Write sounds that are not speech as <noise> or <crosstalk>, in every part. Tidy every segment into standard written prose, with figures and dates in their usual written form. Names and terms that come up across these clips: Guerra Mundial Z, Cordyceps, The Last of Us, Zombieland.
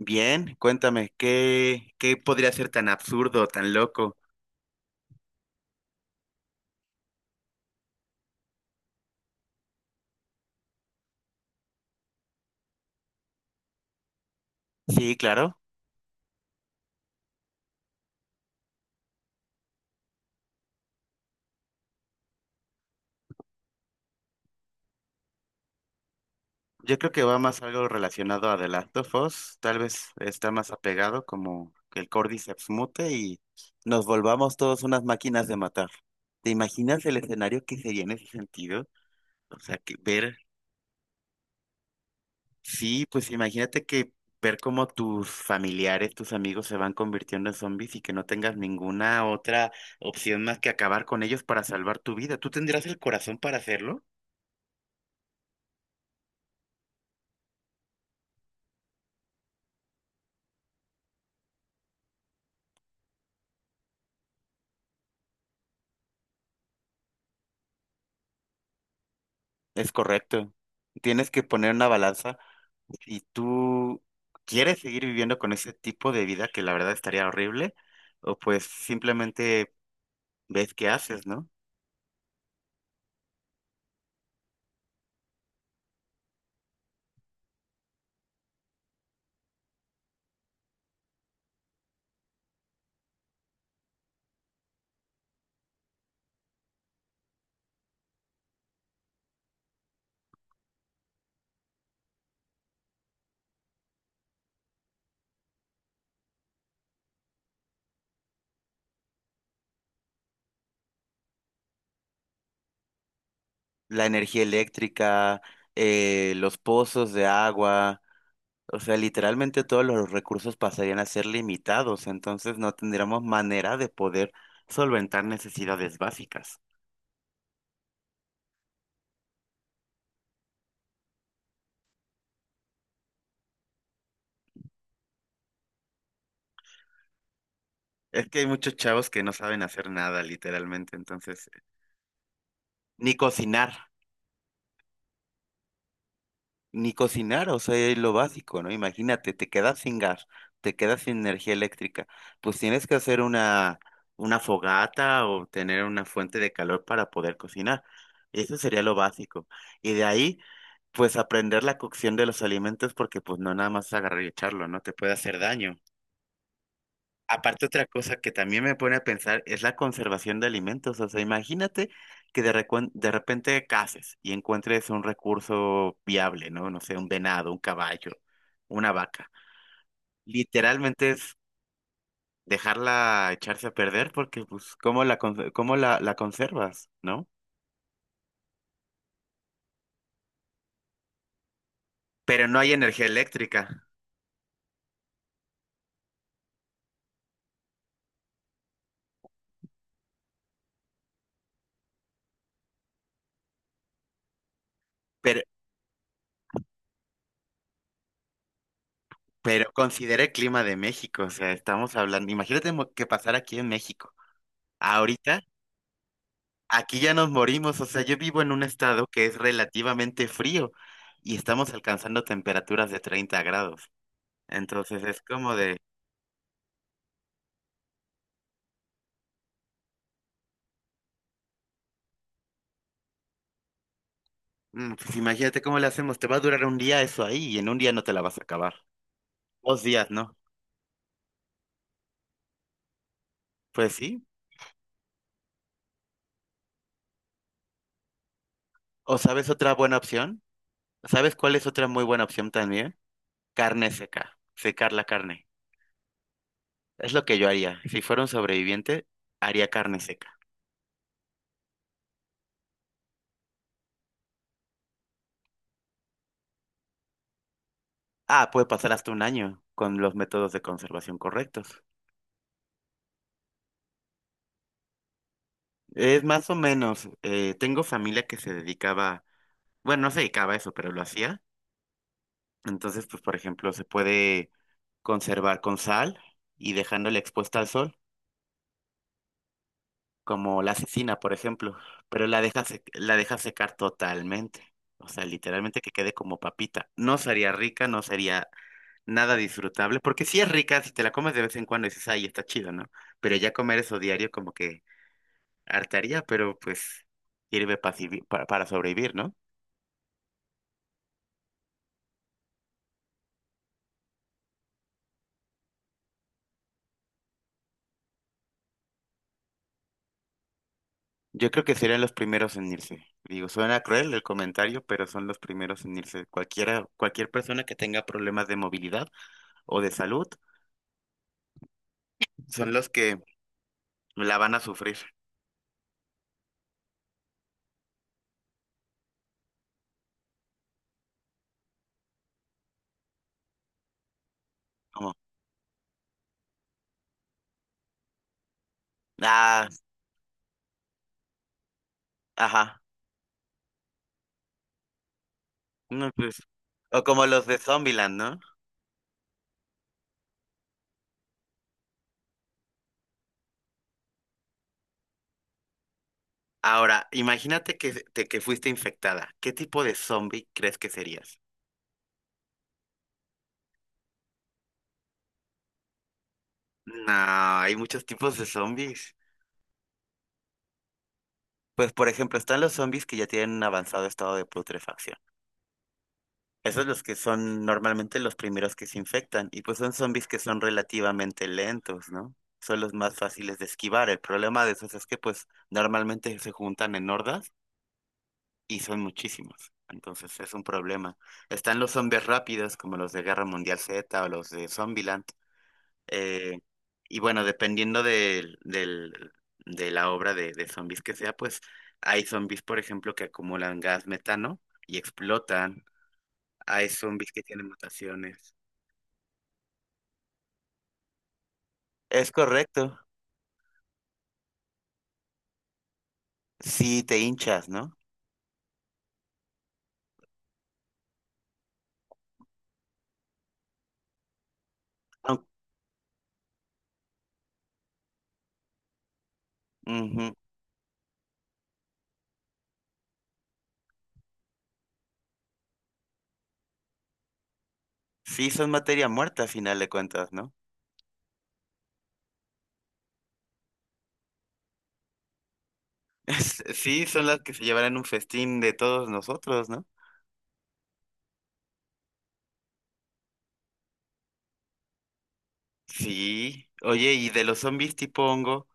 Bien, cuéntame, ¿qué podría ser tan absurdo, tan loco? <laughs> Sí, claro. Yo creo que va más algo relacionado a The Last of Us. Tal vez está más apegado como que el Cordyceps mute y nos volvamos todos unas máquinas de matar. ¿Te imaginas el escenario que sería en ese sentido? O sea, que ver. Sí, pues imagínate que ver cómo tus familiares, tus amigos se van convirtiendo en zombies y que no tengas ninguna otra opción más que acabar con ellos para salvar tu vida. ¿Tú tendrás el corazón para hacerlo? Es correcto. Tienes que poner una balanza y tú quieres seguir viviendo con ese tipo de vida que la verdad estaría horrible o pues simplemente ves qué haces, ¿no? La energía eléctrica, los pozos de agua. O sea, literalmente todos los recursos pasarían a ser limitados, entonces no tendríamos manera de poder solventar necesidades básicas. Es que hay muchos chavos que no saben hacer nada, literalmente, entonces, ni cocinar. Ni cocinar, o sea, es lo básico, ¿no? Imagínate, te quedas sin gas, te quedas sin energía eléctrica, pues tienes que hacer una fogata o tener una fuente de calor para poder cocinar. Eso sería lo básico. Y de ahí, pues aprender la cocción de los alimentos porque pues no nada más agarrar y echarlo, no te puede hacer daño. Aparte, otra cosa que también me pone a pensar es la conservación de alimentos. O sea, imagínate que de repente caces y encuentres un recurso viable, ¿no? No sé, un venado, un caballo, una vaca. Literalmente es dejarla echarse a perder porque, pues, cómo la conservas, ¿no? Pero no hay energía eléctrica. Pero, pero considera el clima de México. O sea, estamos hablando, imagínate que pasara aquí en México. Ahorita. Aquí ya nos morimos, o sea, yo vivo en un estado que es relativamente frío y estamos alcanzando temperaturas de 30 grados. Entonces es como de, pues imagínate cómo le hacemos, te va a durar un día eso ahí y en un día no te la vas a acabar. 2 días, ¿no? Pues sí. ¿O sabes otra buena opción? ¿Sabes cuál es otra muy buena opción también? Carne seca, secar la carne. Es lo que yo haría. Si fuera un sobreviviente, haría carne seca. Ah, puede pasar hasta un año con los métodos de conservación correctos. Es más o menos, tengo familia que se dedicaba, bueno, no se dedicaba a eso, pero lo hacía. Entonces, pues, por ejemplo, se puede conservar con sal y dejándola expuesta al sol, como la cecina, por ejemplo, pero la deja secar totalmente. O sea, literalmente que quede como papita. No sería rica, no sería nada disfrutable, porque si es rica, si te la comes de vez en cuando dices, ay, está chido, ¿no? Pero ya comer eso diario como que hartaría, pero pues sirve para sobrevivir, ¿no? Yo creo que serían los primeros en irse. Digo, suena cruel el comentario, pero son los primeros en irse. Cualquiera, cualquier persona que tenga problemas de movilidad o de salud son los que la van a sufrir. Como, ah, ajá, no, pues. O como los de Zombieland, ¿no? Ahora, imagínate que fuiste infectada. ¿Qué tipo de zombie crees que serías? No, hay muchos tipos de zombies. Pues, por ejemplo, están los zombies que ya tienen un avanzado estado de putrefacción. Esos los que son normalmente los primeros que se infectan, y pues son zombies que son relativamente lentos, ¿no? Son los más fáciles de esquivar. El problema de esos es que pues normalmente se juntan en hordas y son muchísimos. Entonces es un problema. Están los zombies rápidos, como los de Guerra Mundial Z o los de Zombieland. eh, y bueno, dependiendo de la obra de zombies que sea, pues hay zombies, por ejemplo, que acumulan gas metano y explotan. Hay zombies que tienen mutaciones. Es correcto, si te hinchas, ¿no? Aun- Ujú. Sí, son materia muerta a final de cuentas, ¿no? <laughs> Sí, son las que se llevarán un festín de todos nosotros, ¿no? Sí. Oye, ¿y de los zombies tipo hongo,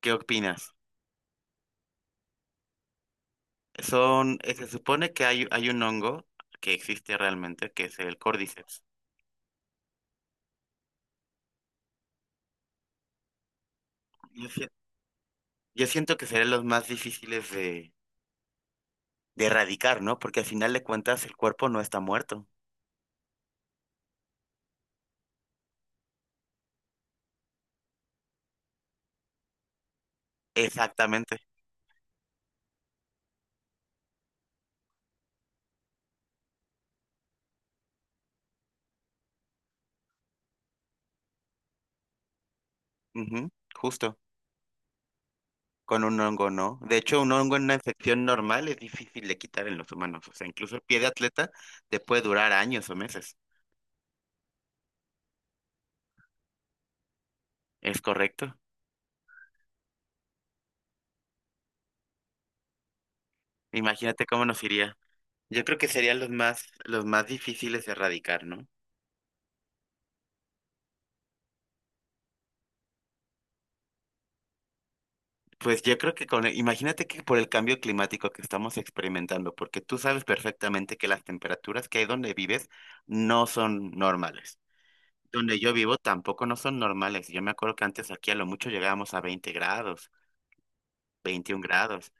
qué opinas? Son, se supone que hay un hongo que existe realmente, que es el Cordyceps. Yo, si- yo siento que serán los más difíciles de erradicar, ¿no? Porque al final de cuentas el cuerpo no está muerto. Exactamente. Ujú. Justo. Con un hongo, ¿no? De hecho, un hongo en una infección normal es difícil de quitar en los humanos. O sea, incluso el pie de atleta te puede durar años o meses. Es correcto. Imagínate cómo nos iría. Yo creo que serían los más difíciles de erradicar, ¿no? Pues yo creo que con, imagínate que por el cambio climático que estamos experimentando, porque tú sabes perfectamente que las temperaturas que hay donde vives no son normales. Donde yo vivo tampoco no son normales. Yo me acuerdo que antes aquí a lo mucho llegábamos a 20 grados, 21 grados.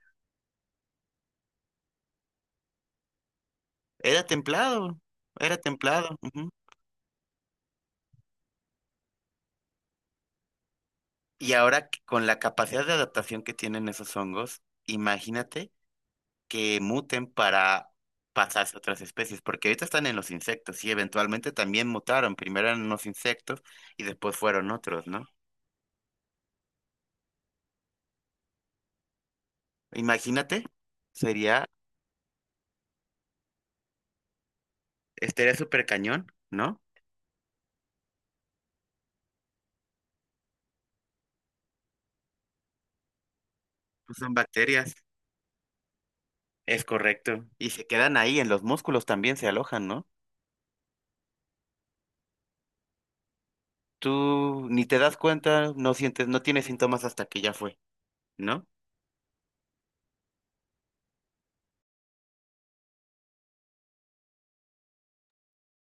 Era templado, era templado. Ujú. Y ahora con la capacidad de adaptación que tienen esos hongos, imagínate que muten para pasarse a otras especies, porque ahorita están en los insectos y eventualmente también mutaron. Primero eran unos insectos y después fueron otros, ¿no? Imagínate, sería, estaría súper cañón, ¿no? Pues son bacterias, es correcto. Y se quedan ahí, en los músculos también se alojan, ¿no? Tú ni te das cuenta, no sientes, no tienes síntomas hasta que ya fue, ¿no?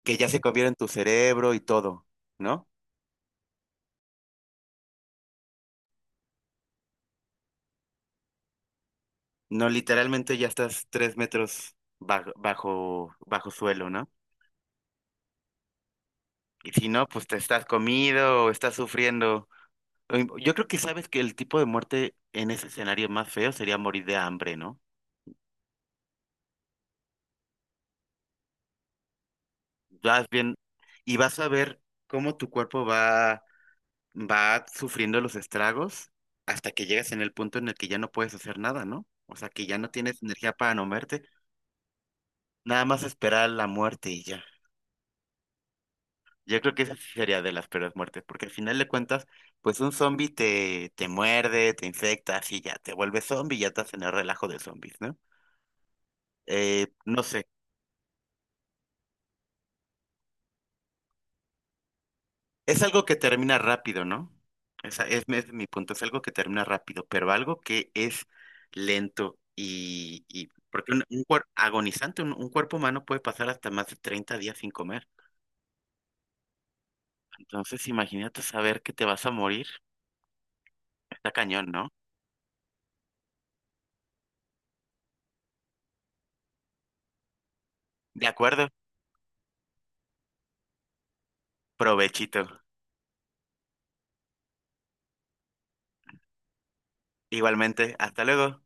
Que ya se comieron tu cerebro y todo, ¿no? No, literalmente ya estás 3 metros bajo, bajo, bajo suelo, ¿no? Y si no, pues te estás comido o estás sufriendo. Yo creo que sabes que el tipo de muerte en ese escenario más feo sería morir de hambre, ¿no? Vas bien y vas a ver cómo tu cuerpo va sufriendo los estragos hasta que llegas en el punto en el que ya no puedes hacer nada, ¿no? O sea, que ya no tienes energía para no muerte, nada más esperar la muerte y ya. Yo creo que esa sí sería de las peores muertes, porque al final de cuentas, pues un zombie te muerde, te infecta, así ya te vuelves zombie y ya estás en el relajo de zombies, ¿no? No sé, es algo que termina rápido, ¿no? Esa es, mi punto, es algo que termina rápido, pero algo que es lento y porque agonizante, un cuerpo humano puede pasar hasta más de 30 días sin comer. Entonces, imagínate saber que te vas a morir, está cañón, ¿no? De acuerdo, provechito. Igualmente, hasta luego.